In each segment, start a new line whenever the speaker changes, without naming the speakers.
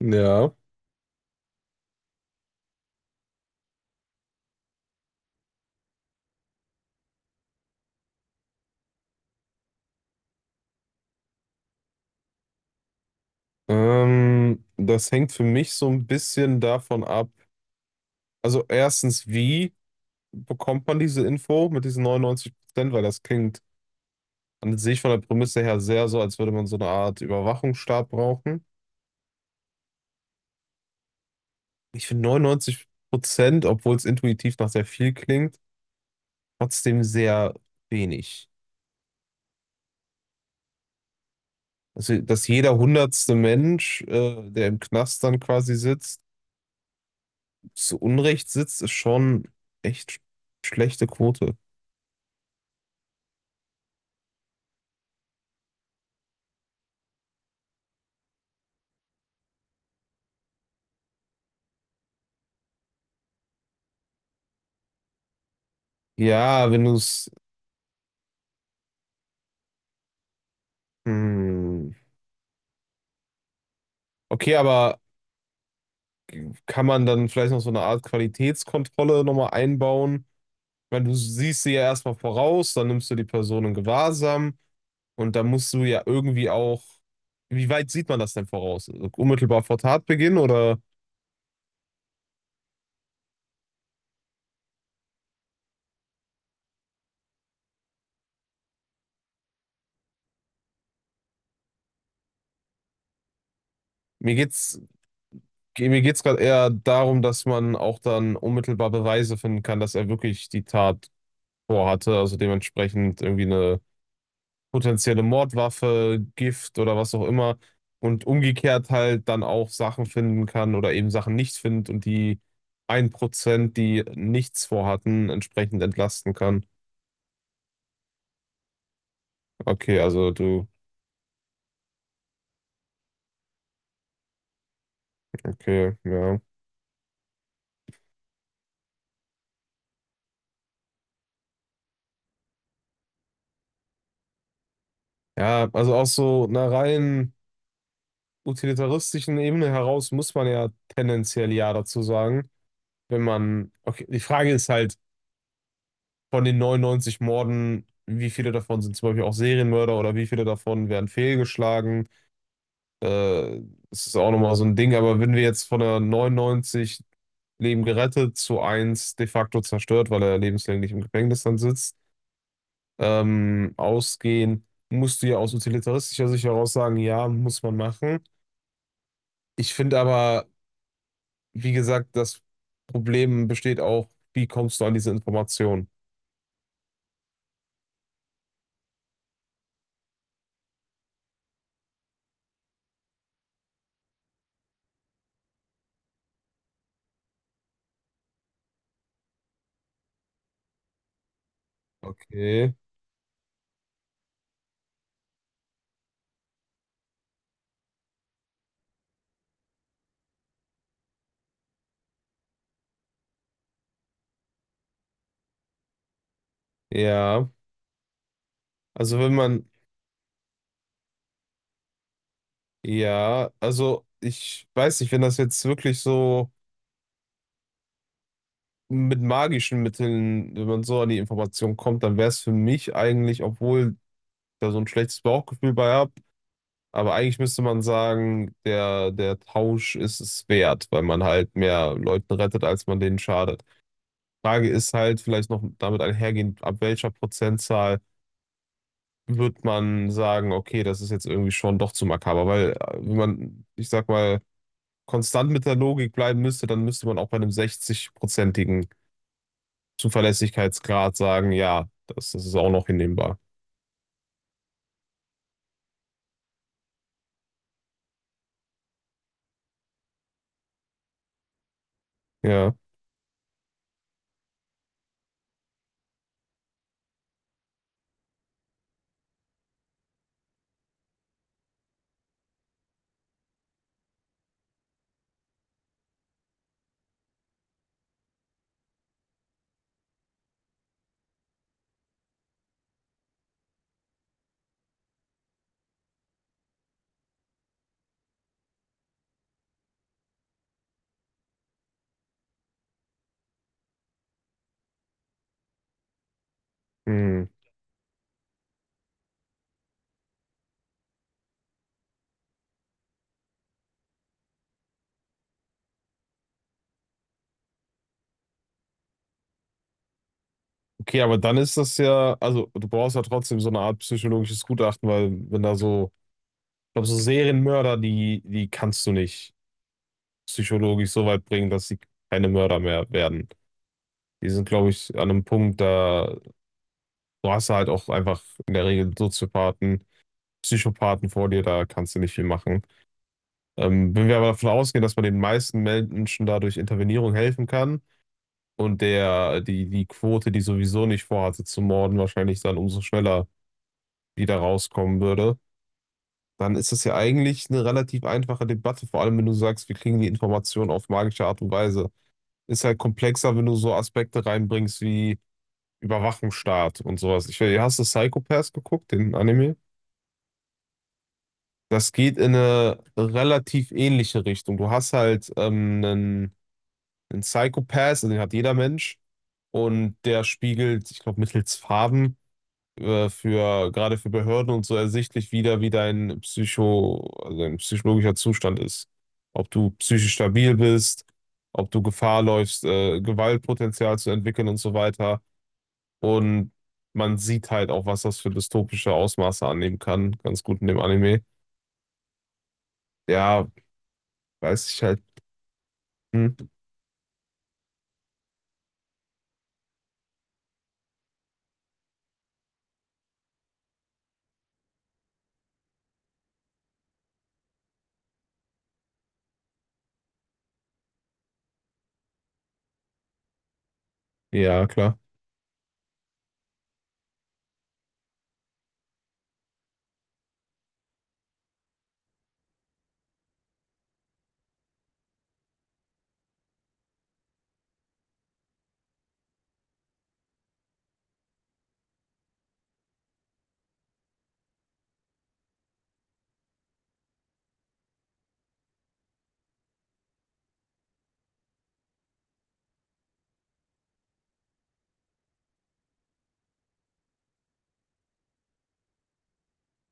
Ja, das hängt für mich so ein bisschen davon ab. Also erstens, wie bekommt man diese Info mit diesen 99%? Weil das klingt an sich von der Prämisse her sehr so, als würde man so eine Art Überwachungsstaat brauchen. Ich finde 99%, obwohl es intuitiv nach sehr viel klingt, trotzdem sehr wenig. Also, dass jeder 100. Mensch, der im Knast dann quasi sitzt, zu Unrecht sitzt, ist schon echt schlechte Quote. Ja, wenn du es Hm. Okay, aber kann man dann vielleicht noch so eine Art Qualitätskontrolle nochmal einbauen? Weil du siehst sie ja erstmal voraus, dann nimmst du die Person in Gewahrsam und dann musst du ja irgendwie auch. Wie weit sieht man das denn voraus? Also unmittelbar vor Tatbeginn oder mir geht's, mir geht's gerade eher darum, dass man auch dann unmittelbar Beweise finden kann, dass er wirklich die Tat vorhatte, also dementsprechend irgendwie eine potenzielle Mordwaffe, Gift oder was auch immer und umgekehrt halt dann auch Sachen finden kann oder eben Sachen nicht findet und die 1% die nichts vorhatten, entsprechend entlasten kann. Okay, also du, okay, ja. Ja, also aus so einer rein utilitaristischen Ebene heraus muss man ja tendenziell ja dazu sagen, wenn man, okay, die Frage ist halt, von den 99 Morden, wie viele davon sind zum Beispiel auch Serienmörder oder wie viele davon werden fehlgeschlagen? Äh, das ist auch nochmal so ein Ding, aber wenn wir jetzt von der 99 Leben gerettet zu eins de facto zerstört, weil er lebenslänglich im Gefängnis dann sitzt, ausgehen, musst du ja aus utilitaristischer Sicht heraus sagen, ja, muss man machen. Ich finde aber, wie gesagt, das Problem besteht auch, wie kommst du an diese Information? Okay, ja. Also wenn man, ja, also ich weiß nicht, wenn das jetzt wirklich so. Mit magischen Mitteln, wenn man so an die Information kommt, dann wäre es für mich eigentlich, obwohl ich da so ein schlechtes Bauchgefühl bei habe, aber eigentlich müsste man sagen, der Tausch ist es wert, weil man halt mehr Leuten rettet, als man denen schadet. Frage ist halt vielleicht noch damit einhergehend, ab welcher Prozentzahl wird man sagen, okay, das ist jetzt irgendwie schon doch zu makaber, weil wenn man, ich sag mal, konstant mit der Logik bleiben müsste, dann müsste man auch bei einem 60-prozentigen Zuverlässigkeitsgrad sagen, ja, das ist auch noch hinnehmbar. Ja. Hm. Okay, aber dann ist das ja, also du brauchst ja trotzdem so eine Art psychologisches Gutachten, weil wenn da so, ich glaube, so Serienmörder, die kannst du nicht psychologisch so weit bringen, dass sie keine Mörder mehr werden. Die sind, glaube ich, an einem Punkt, da du hast halt auch einfach in der Regel Soziopathen, Psychopathen vor dir, da kannst du nicht viel machen. Wenn wir aber davon ausgehen, dass man den meisten Menschen dadurch Intervenierung helfen kann, und der, die Quote, die sowieso nicht vorhatte zu morden, wahrscheinlich dann umso schneller wieder rauskommen würde, dann ist das ja eigentlich eine relativ einfache Debatte, vor allem wenn du sagst, wir kriegen die Informationen auf magische Art und Weise. Ist halt komplexer, wenn du so Aspekte reinbringst wie Überwachungsstaat und sowas. Ich weiß, hast du Psycho Pass geguckt, den Anime? Das geht in eine relativ ähnliche Richtung. Du hast halt einen, einen Psycho Pass, also den hat jeder Mensch. Und der spiegelt, ich glaube, mittels Farben für gerade für Behörden und so ersichtlich wieder, wie dein Psycho, also dein psychologischer Zustand ist. Ob du psychisch stabil bist, ob du Gefahr läufst, Gewaltpotenzial zu entwickeln und so weiter. Und man sieht halt auch, was das für dystopische Ausmaße annehmen kann, ganz gut in dem Anime. Ja, weiß ich halt. Hm. Ja, klar.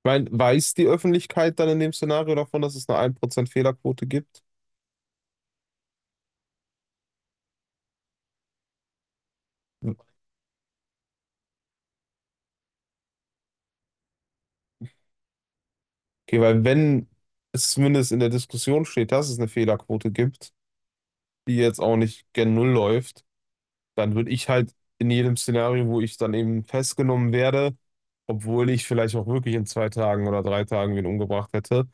Ich meine, weiß die Öffentlichkeit dann in dem Szenario davon, dass es eine 1% Fehlerquote gibt? Okay, weil wenn es zumindest in der Diskussion steht, dass es eine Fehlerquote gibt, die jetzt auch nicht gen Null läuft, dann würde ich halt in jedem Szenario, wo ich dann eben festgenommen werde, obwohl ich vielleicht auch wirklich in 2 Tagen oder 3 Tagen wen umgebracht hätte,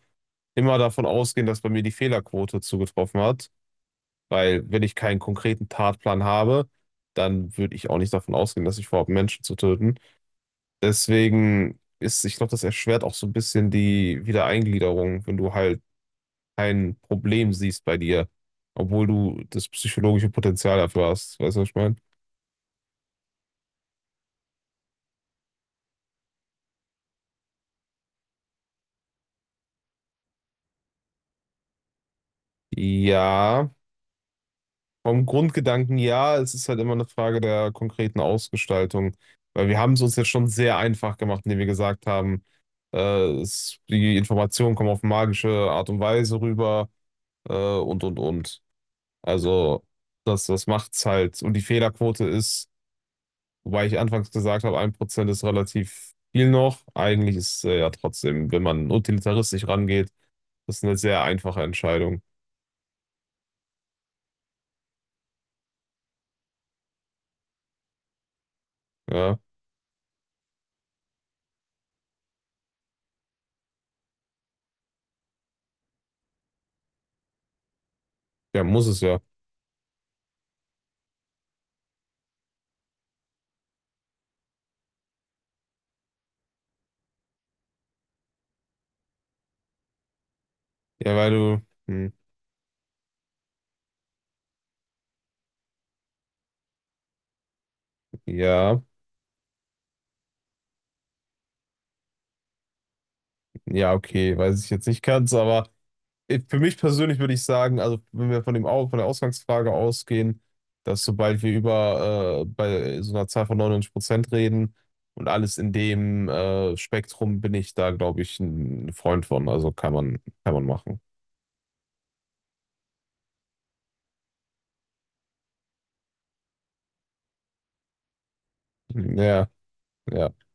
immer davon ausgehen, dass bei mir die Fehlerquote zugetroffen hat. Weil wenn ich keinen konkreten Tatplan habe, dann würde ich auch nicht davon ausgehen, dass ich vorhabe, Menschen zu töten. Deswegen ist, ich glaube, das erschwert auch so ein bisschen die Wiedereingliederung, wenn du halt kein Problem siehst bei dir, obwohl du das psychologische Potenzial dafür hast. Weißt du, was ich meine? Ja, vom Grundgedanken ja, es ist halt immer eine Frage der konkreten Ausgestaltung, weil wir haben es uns jetzt schon sehr einfach gemacht, indem wir gesagt haben, äh, es, die Informationen kommen auf magische Art und Weise rüber, äh, und und. Also das macht's halt. Und die Fehlerquote ist. Wobei ich anfangs gesagt habe, 1% ist relativ viel noch. Eigentlich ist ja trotzdem, wenn man utilitaristisch rangeht, das eine sehr einfache Entscheidung. Ja, ja, muss es ja. Ja, weil du, hm, ja, ja, okay, weiß ich jetzt nicht ganz, aber für mich persönlich würde ich sagen, also wenn wir von dem von der Ausgangsfrage ausgehen, dass sobald wir über bei so einer Zahl von 99% reden und alles in dem Spektrum bin ich da, glaube ich, ein Freund von. Also kann man machen. Hm, ja, ja,